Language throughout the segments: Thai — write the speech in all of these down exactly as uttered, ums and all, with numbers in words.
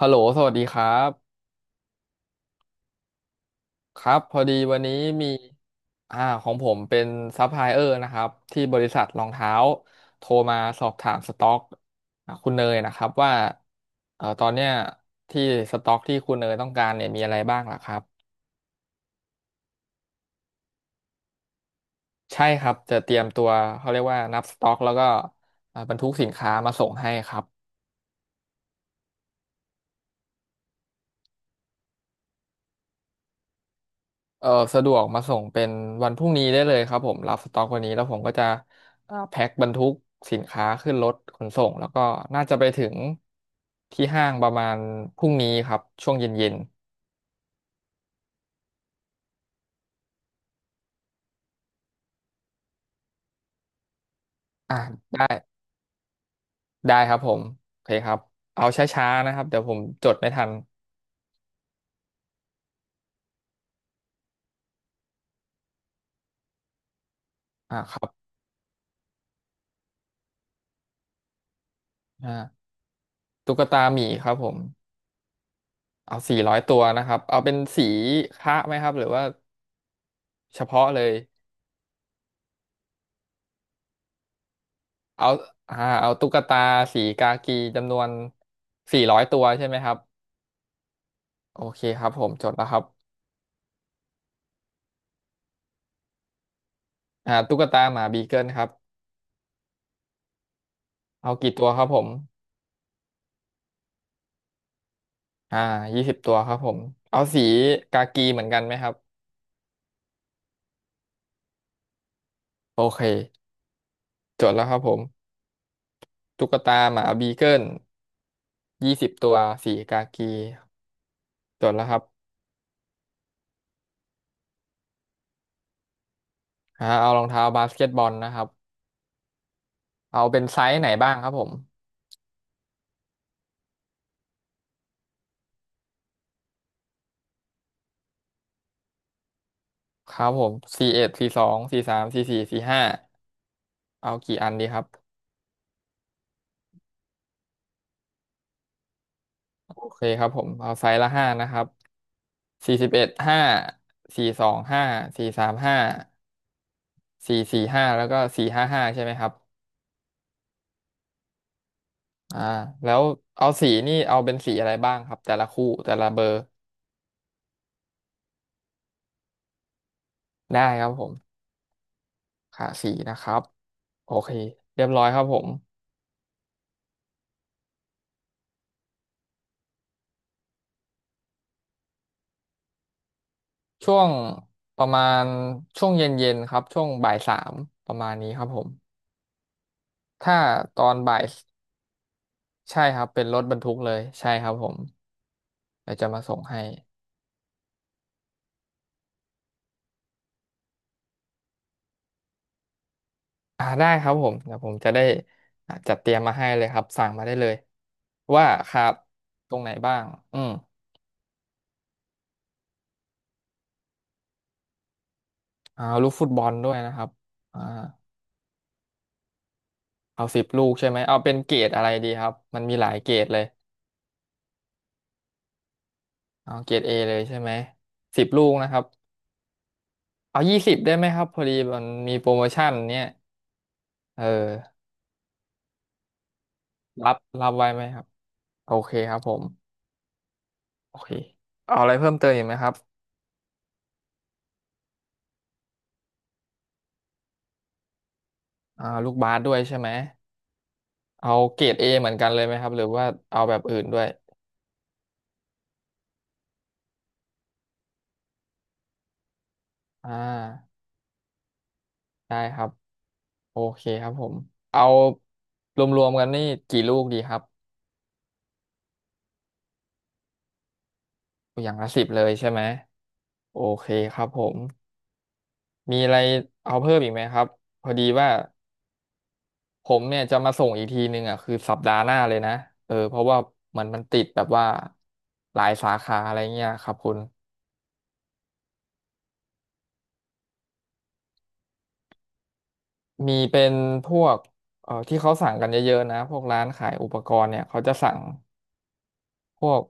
ฮัลโหลสวัสดีครับครับ พอดีวันนี้มีอ่าของผมเป็นซัพพลายเออร์นะครับที่บริษัทรองเท้าโทรมาสอบถามสต็อกอ่าคุณเนยนะครับว่าเอ่อตอนเนี้ยที่สต็อกที่คุณเนยต้องการเนี่ยมีอะไรบ้างล่ะครับ ใช่ครับจะเตรียมตัวเขาเรียกว่านับสต็อกแล้วก็อ่าบรรทุกสินค้ามาส่งให้ครับ เออสะดวกมาส่งเป็นวันพรุ่งนี้ได้เลยครับผมรับสต็อกวันนี้แล้วผมก็จะอ่าแพ็คบรรทุกสินค้าขึ้นรถขนส่งแล้วก็น่าจะไปถึงที่ห้างประมาณพรุ่งนี้ครับช่วงเย็นๆอ่ะได้ได้ครับผมโอเคครับเอาช้าๆนะครับเดี๋ยวผมจดไม่ทันอ่าครับอ่าตุ๊กตาหมีครับผมเอาสี่ร้อยตัวนะครับเอาเป็นสีคะไหมครับหรือว่าเฉพาะเลย เอาอ่าเอาตุ๊กตาสีกากีจำนวนสี่ร้อยตัวใช่ไหมครับโอเคครับผมจดแล้วครับอ่าตุ๊กตาหมาบีเกิลครับเอากี่ตัวครับผมอ่ายี่สิบตัวครับผมเอาสีกากีเหมือนกันไหมครับโอเคจดแล้วครับผมตุ๊กตาหมาบีเกิลยี่สิบตัวสีกากีจดแล้วครับอ่าเอารองเท้าบาสเกตบอลนะครับเอาเป็นไซส์ไหนบ้างครับผมครับผมสี่เอ็ด สี่สอง สี่สาม สี่สี่ สี่ห้าเอากี่อันดีครับ โอเคครับผมเอาไซส์ละห้านะครับสี่สิบเอ็ดห้า สี่สองห้า สี่สามห้า สี่สี่ห้า แล้วก็สี่ห้าห้าใช่ไหมครับอ่าแล้วเอาสีนี่เอาเป็นสีอะไรบ้างครับแต่ละคู่แต่ละเบอร์ได้ครับผมค่ะสีนะครับโอเคเรียบร้อยครับผมช่วงประมาณช่วงเย็นๆครับช่วงบ่ายสามประมาณนี้ครับผมถ้าตอนบ่ายใช่ครับเป็นรถบรรทุกเลยใช่ครับผมเดี๋ยวจะมาส่งให้ อ่าได้ครับผมเดี๋ยวผมจะได้อ่าจัดเตรียมมาให้เลยครับสั่งมาได้เลยว่าครับตรงไหนบ้างอืมเอาลูกฟุตบอลด้วยนะครับอ่าเอาสิบลูกใช่ไหมเอาเป็นเกรดอะไรดีครับมันมีหลายเกรดเลยเอาเกรดเอเลยใช่ไหมสิบลูกนะครับเอายี่สิบได้ไหมครับพอดีมันมีโปรโมชั่นเนี่ยเออรับรับไว้ไหมครับโอเคครับผมโอเคเอาอะไรเพิ่มเติมอีกไหมครับอ่าลูกบาสด้วยใช่ไหมเอาเกรดเอเหมือนกันเลยไหมครับหรือว่าเอาแบบอื่นด้วย อ่าได้ครับโอเคครับผมเอารวมๆกันนี่กี่ลูกดีครับอย่างละสิบเลยใช่ไหมโอเคครับผมมีอะไรเอาเพิ่มอีกไหมครับพอดีว่าผมเนี่ยจะมาส่งอีกทีนึงอ่ะคือสัปดาห์หน้าเลยนะเออเพราะว่ามันมันติดแบบว่าหลายสาขาอะไรเงี้ยครับคุณมีเป็นพวกเอ่อที่เขาสั่งกันเยอะๆนะพวกร้านขายอุปกรณ์เนี่ยเขาจะสั่งพวก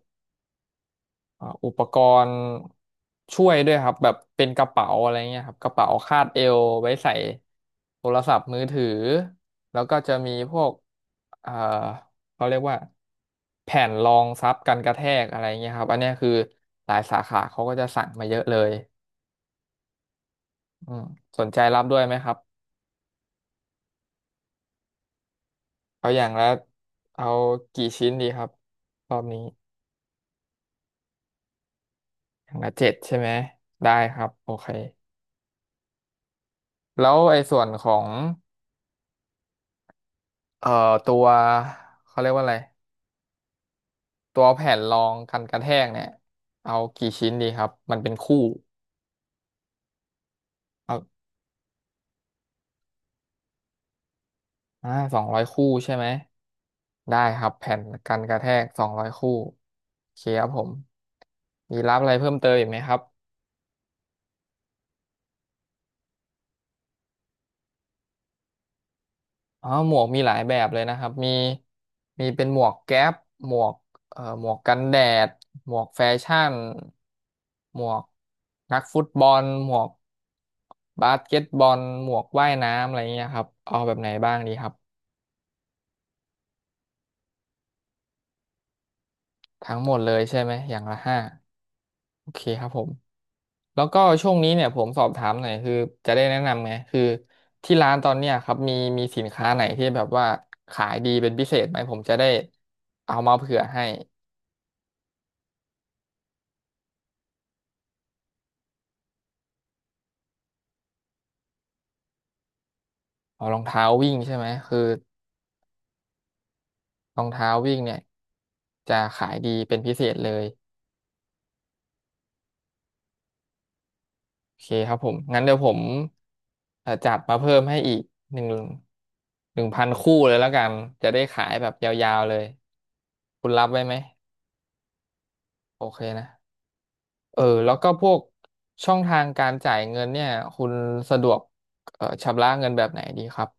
อ่าอุปกรณ์ช่วยด้วยครับแบบเป็นกระเป๋าอะไรเงี้ยครับกระเป๋าคาดเอวไว้ใส่โทรศัพท์มือถือแล้วก็จะมีพวกเอ่อเขาเรียกว่าแผ่นรองซับกันกระแทกอะไรเงี้ยครับอันเนี้ยคือหลายสาขาเขาก็จะสั่งมาเยอะเลยอืมสนใจรับด้วยไหมครับเอาอย่างละเอากี่ชิ้นดีครับรอบนี้อย่างละเจ็ดใช่ไหมได้ครับโอเคแล้วไอ้ส่วนของ เอ่อตัวเขาเรียกว่าอะไรตัวแผ่นรองกันกระแทกเนี่ยเอากี่ชิ้นดีครับมันเป็นคู่เอาอ่าสองร้อยคู่ใช่ไหมได้ครับแผ่นกันกระแทกสองร้อยคู่โอเคครับผมมีรับอะไรเพิ่มเติมอีกไหมครับ อ๋อหมวกมีหลายแบบเลยนะครับมีมีเป็นหมวกแก๊ปหมวกเอ่อหมวกกันแดดหมวกแฟชั่นหมวกนักฟุตบอลหมวกบาสเกตบอลหมวกว่ายน้ำอะไรเงี้ยครับเอาแบบไหนบ้างดีครับทั้งหมดเลยใช่ไหมอย่างละห้าโอเคครับผมแล้วก็ช่วงนี้เนี่ยผมสอบถามหน่อยคือจะได้แนะนำไงคือที่ร้านตอนเนี้ยครับมีมีสินค้าไหนที่แบบว่าขายดีเป็นพิเศษไหมผมจะได้เอามาเผื่อให้ อ๋อรองเท้าวิ่งใช่ไหมคือรองเท้าวิ่งเนี่ยจะขายดีเป็นพิเศษเลยโอเคครับผมงั้นเดี๋ยวผมเอ่อจัดมาเพิ่มให้อีกหนึ่งหนึ่งพันคู่เลยแล้วกันจะได้ขายแบบยาวๆเลยคุณรับไว้ไหมโอเคนะเออแล้วก็พวกช่องทางการจ่ายเงินเนี่ยคุณสะดวกเอ่อชำระเงินแบบไหนดีครับ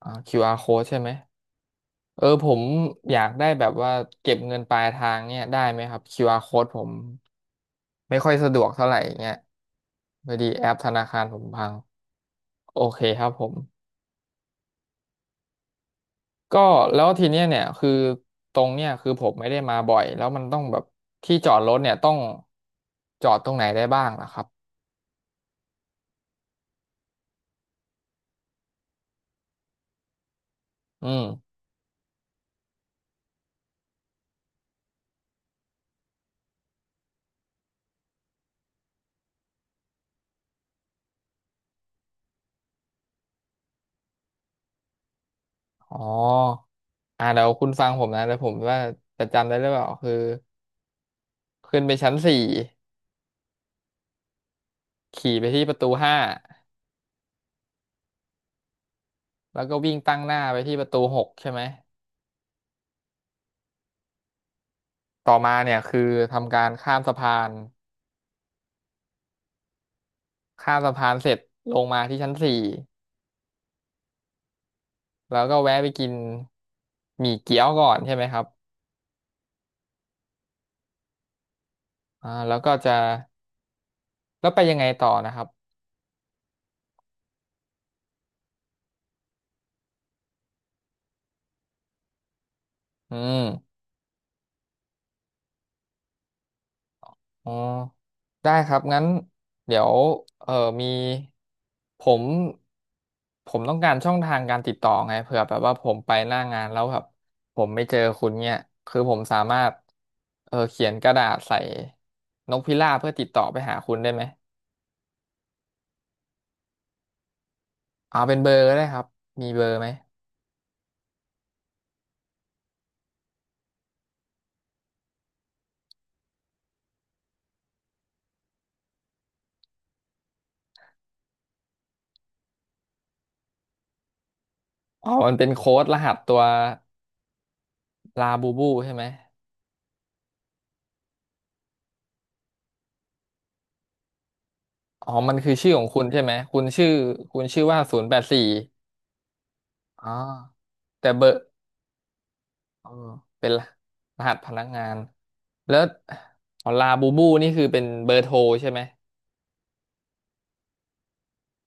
อ่า คิว อาร์ code ใช่ไหม เออผมอยากได้แบบว่าเก็บเงินปลายทางเนี่ยได้ไหมครับ คิว อาร์ code ผมไม่ค่อยสะดวกเท่าไหร่เงี้ยพอดีแอปธนาคารผมพังโอเคครับผมก็แล้วทีเนี้ยเนี่ยคือตรงเนี่ยคือผมไม่ได้มาบ่อยแล้วมันต้องแบบที่จอดรถเนี่ยต้องจอดตรงไหนได้บ้างนะครับอืมอ๋ออ่าเดี๋ยวคุณฟังผมนะเดี๋ยวผมว่าจะจำได้หรือเปล่าคือขึ้นไปชั้นสี่ขี่ไปที่ประตูห้า แล้วก็วิ่งตั้งหน้าไปที่ประตูหกใช่ไหม ต่อมาเนี่ยคือทำการข้ามสะพาน ข้ามสะพานเสร็จลงมาที่ชั้นสี่แล้วก็แวะไปกินหมี่เกี๊ยวก่อนใช่ไหมครับอ่าแล้วก็จะ แล้วไปยังไงต่อนะครับอืม อ๋อได้ครับงั้นเดี๋ยวเออมีผมผมต้องการช่องทางการติดต่อไงเผื่อแบบว่าผมไปหน้างานแล้วแบบผมไม่เจอคุณเนี่ยคือผมสามารถเออเขียนกระดาษใส่นกพิราบเพื่อติดต่อไปหาคุณได้ไหมเอาเป็นเบอร์ก็ได้ครับมีเบอร์ไหมอ๋อมันเป็นโค้ดรหัสตัวลาบูบูใช่ไหมอ๋อมันคือชื่อของคุณใช่ไหมคุณชื่อคุณชื่อว่าศูนย์แปดสี่อ๋อแต่เบอร์ เออเป็นรหัสพนักงานแล้วอ๋อลาบูบูนี่คือเป็นเบอร์โทรใช่ไหม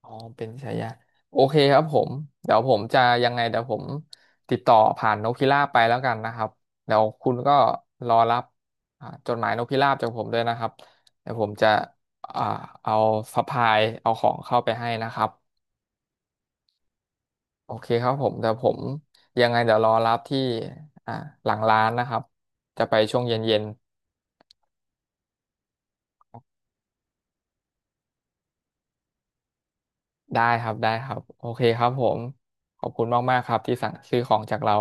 อ๋อเป็นฉายาโอเคครับผมเดี๋ยวผมจะยังไงเดี๋ยวผมติดต่อผ่านนกพิราบไปแล้วกันนะครับเดี๋ยวคุณก็รอรับอ่าจดหมายนกพิราบจากผมด้วยนะครับเดี๋ยวผมจะอ่าเอาสะพายเอาของเข้าไปให้นะครับโอเคครับผมเดี๋ยวผมยังไงเดี๋ยวรอรับที่อ่าหลังร้านนะครับจะไปช่วงเย็นๆ ได้ครับ ได้ครับ โอเคครับผม ขอบคุณมากๆครับที่สั่งซื้อของจากเรา